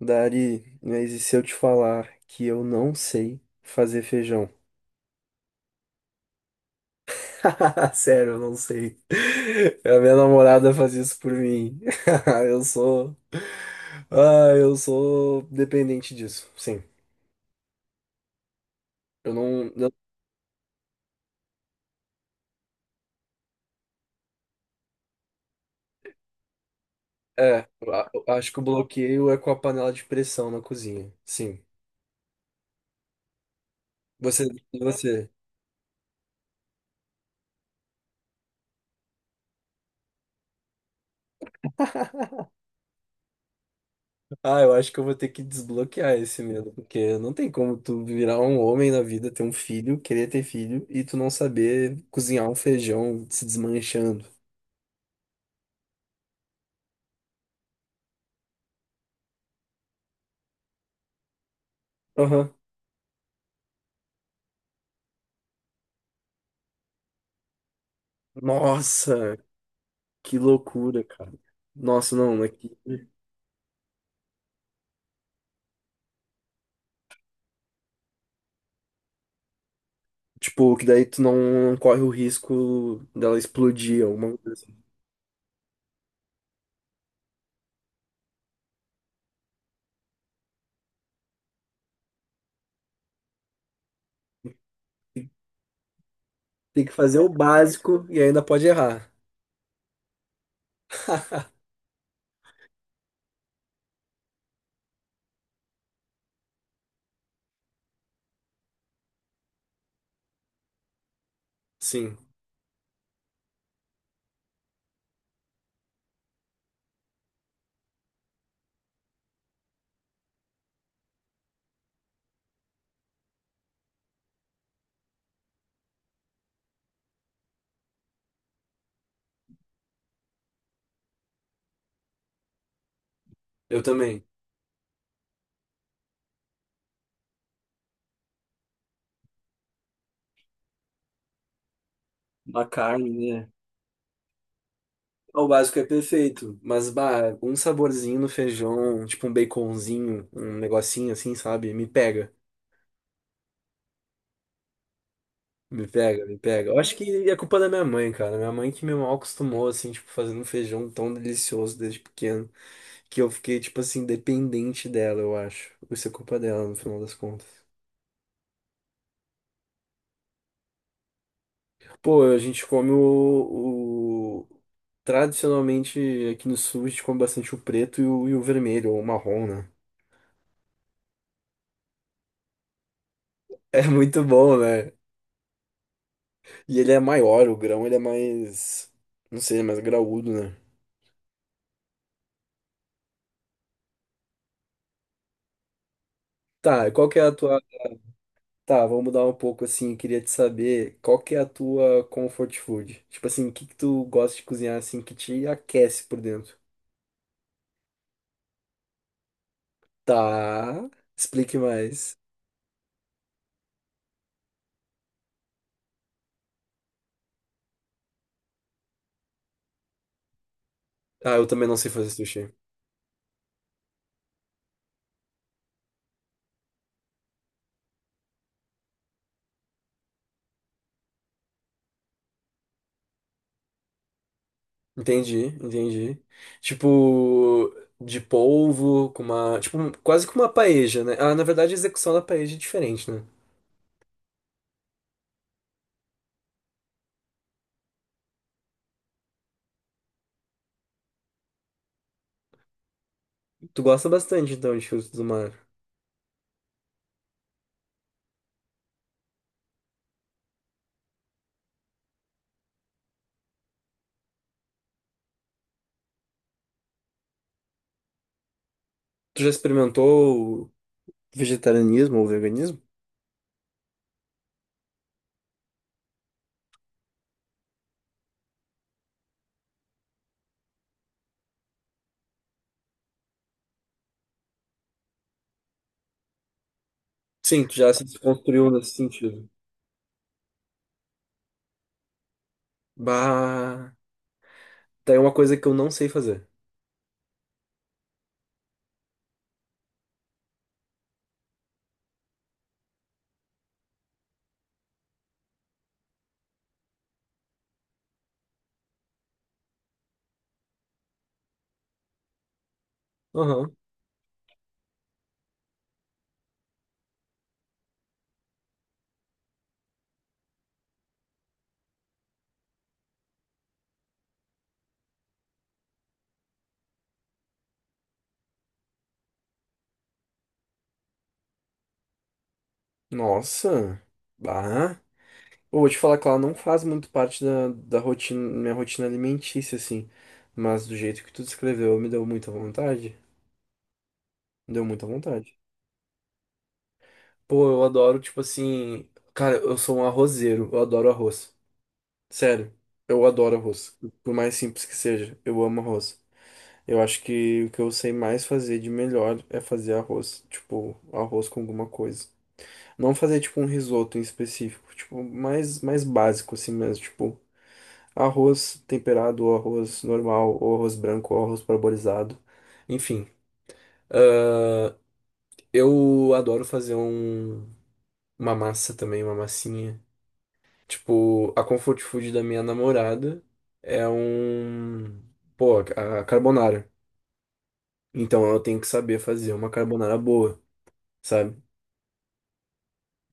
Dari, mas e se eu te falar que eu não sei fazer feijão? Sério, eu não sei. A minha namorada faz isso por mim. Eu sou. Ah, eu sou dependente disso. Sim. Eu não. É, eu acho que o bloqueio é com a panela de pressão na cozinha. Sim. Você, e você? Ah, eu acho que eu vou ter que desbloquear esse medo, porque não tem como tu virar um homem na vida, ter um filho, querer ter filho e tu não saber cozinhar um feijão se desmanchando. Aham. Nossa, que loucura, cara. Nossa, não, é que, tipo, que daí tu não corre o risco dela explodir, alguma coisa assim. Tem que fazer o básico e ainda pode errar. Sim, eu também. A carne, né? É, o básico é perfeito, mas bah, um saborzinho no feijão, tipo um baconzinho, um negocinho assim, sabe? Me pega, me pega, me pega. Eu acho que é culpa da minha mãe, cara. Minha mãe que me mal acostumou, assim, tipo, fazendo um feijão tão delicioso desde pequeno, que eu fiquei, tipo assim, dependente dela, eu acho. Isso é culpa dela, no final das contas. Pô, a gente come Tradicionalmente, aqui no sul, a gente come bastante o preto e o vermelho, ou o marrom, né? É muito bom, né? E ele é maior, o grão ele é mais. Não sei, mais graúdo, né? Tá, e qual que é a tua. Tá, vamos mudar um pouco assim. Queria te saber qual que é a tua comfort food. Tipo assim, o que que tu gosta de cozinhar assim que te aquece por dentro? Tá, explique mais. Ah, eu também não sei fazer sushi. Entendi, entendi. Tipo, de polvo, com uma. Tipo, quase que uma paella, né? Ah, na verdade a execução da paella é diferente, né? Tu gosta bastante então de frutos do mar. Tu já experimentou vegetarianismo ou veganismo? Sim, tu já se desconstruiu nesse sentido. Bah, tem uma coisa que eu não sei fazer. Aham. Nossa. Bah. Eu vou te falar que ela não faz muito parte da rotina, minha rotina alimentícia, assim. Mas do jeito que tu descreveu, me deu muita vontade. Deu muita vontade. Pô, eu adoro, tipo assim. Cara, eu sou um arrozeiro, eu adoro arroz. Sério, eu adoro arroz. Por mais simples que seja, eu amo arroz. Eu acho que o que eu sei mais fazer de melhor é fazer arroz. Tipo, arroz com alguma coisa. Não fazer, tipo, um risoto em específico. Tipo, mais básico assim mesmo. Tipo, arroz temperado, ou arroz normal, ou arroz branco, ou arroz parboilizado. Enfim, ah, eu adoro fazer uma massa também, uma massinha. Tipo, a comfort food da minha namorada é um. Pô, a carbonara. Então eu tenho que saber fazer uma carbonara boa, sabe?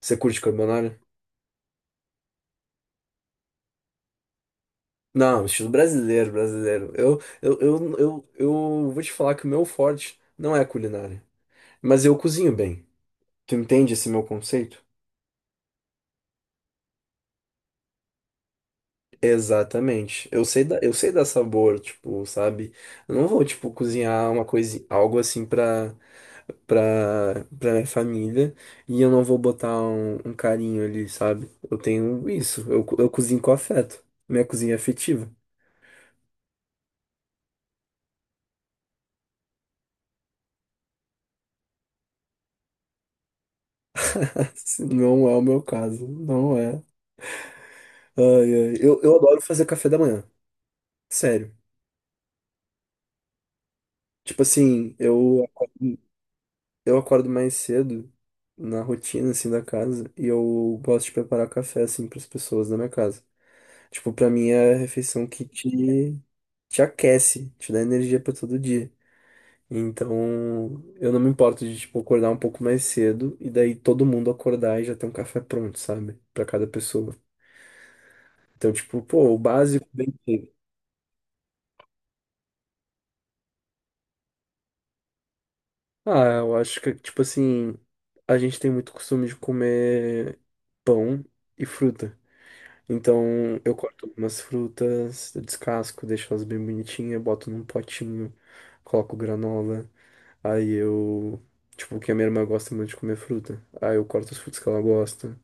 Você curte carbonara? Não, estilo brasileiro, brasileiro. Eu vou te falar que o meu forte não é a culinária. Mas eu cozinho bem. Tu entende esse meu conceito? Exatamente. Eu sei dar sabor, tipo, sabe? Eu não vou, tipo, cozinhar uma coisa, algo assim pra, pra minha família e eu não vou botar um carinho ali, sabe? Eu tenho isso. Eu cozinho com afeto. Minha cozinha é afetiva. Não é o meu caso. Não é. Ai, ai. Eu adoro fazer café da manhã. Sério. Tipo assim, eu. Acordo mais cedo na rotina, assim, da casa, e eu gosto de preparar café, assim, para as pessoas da minha casa. Tipo, pra mim é a refeição que te aquece, te dá energia pra todo dia. Então, eu não me importo de, tipo, acordar um pouco mais cedo e daí todo mundo acordar e já ter um café pronto, sabe? Pra cada pessoa. Então, tipo, pô, o básico bem feito. Ah, eu acho que, tipo assim, a gente tem muito costume de comer pão e fruta. Então eu corto umas frutas, descasco, deixo elas bem bonitinhas, boto num potinho, coloco granola. Aí eu. Tipo, que a minha irmã gosta muito de comer fruta. Aí eu corto as frutas que ela gosta.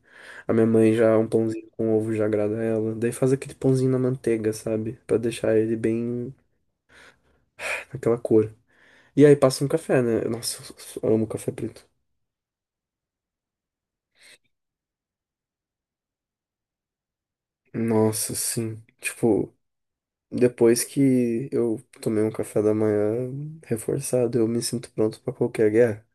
A minha mãe já, um pãozinho com ovo já agrada ela. Daí faz aquele pãozinho na manteiga, sabe? Pra deixar ele bem naquela cor. E aí passa um café, né? Nossa, eu amo café preto. Nossa, sim. Tipo. Depois que eu tomei um café da manhã reforçado, eu me sinto pronto pra qualquer guerra.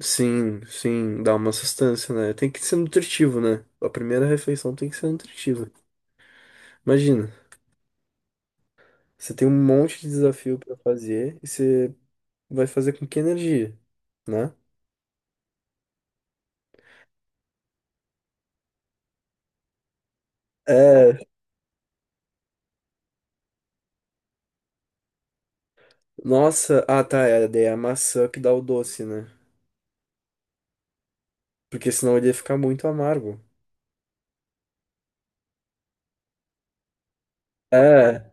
Sim, sim, dá uma sustância, né? Tem que ser nutritivo, né? A primeira refeição tem que ser nutritiva. Imagina, você tem um monte de desafio pra fazer e você vai fazer com que energia, né? É, nossa, ah tá, é, daí é a maçã que dá o doce, né? Porque senão ele ia ficar muito amargo. É,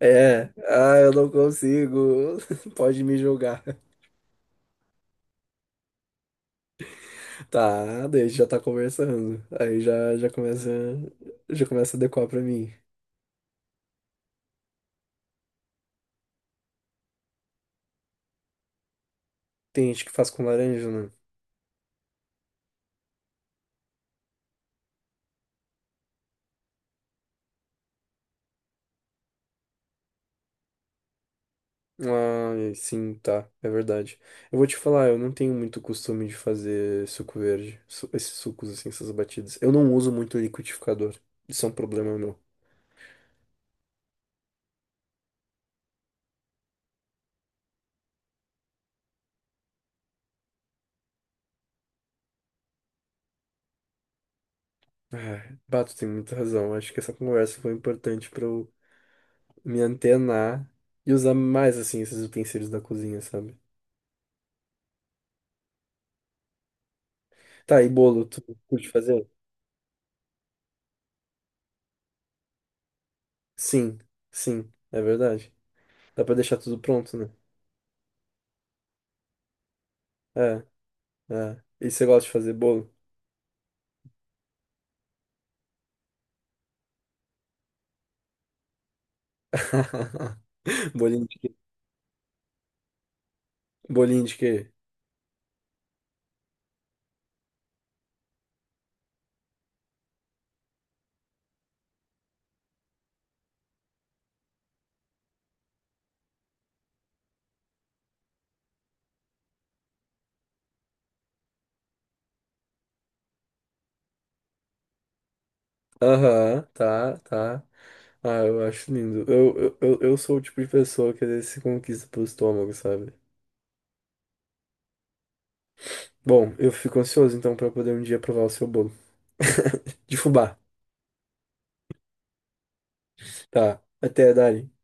é, ah, eu não consigo. Pode me julgar. Tá, daí a gente já tá conversando. Aí já começa a decorar pra mim. Tem gente que faz com laranja, né? Ah, sim, tá, é verdade. Eu vou te falar, eu não tenho muito costume de fazer suco verde, esses sucos assim, essas batidas. Eu não uso muito liquidificador. Isso é um problema meu. Ah, Bato tem muita razão. Acho que essa conversa foi importante pra eu me antenar e usar mais assim esses utensílios da cozinha, sabe? Tá, e bolo, tu curte fazer? Sim, sim, é verdade. Dá pra deixar tudo pronto, né? É, é. E você gosta de fazer bolo? Bolinho de quê? Bolinho de quê? Aham, tá, tá. Ah, eu acho lindo. Eu sou o tipo de pessoa que às vezes se conquista pelo estômago, sabe? Bom, eu fico ansioso então pra poder um dia provar o seu bolo. De fubá. Tá. Até, Dari.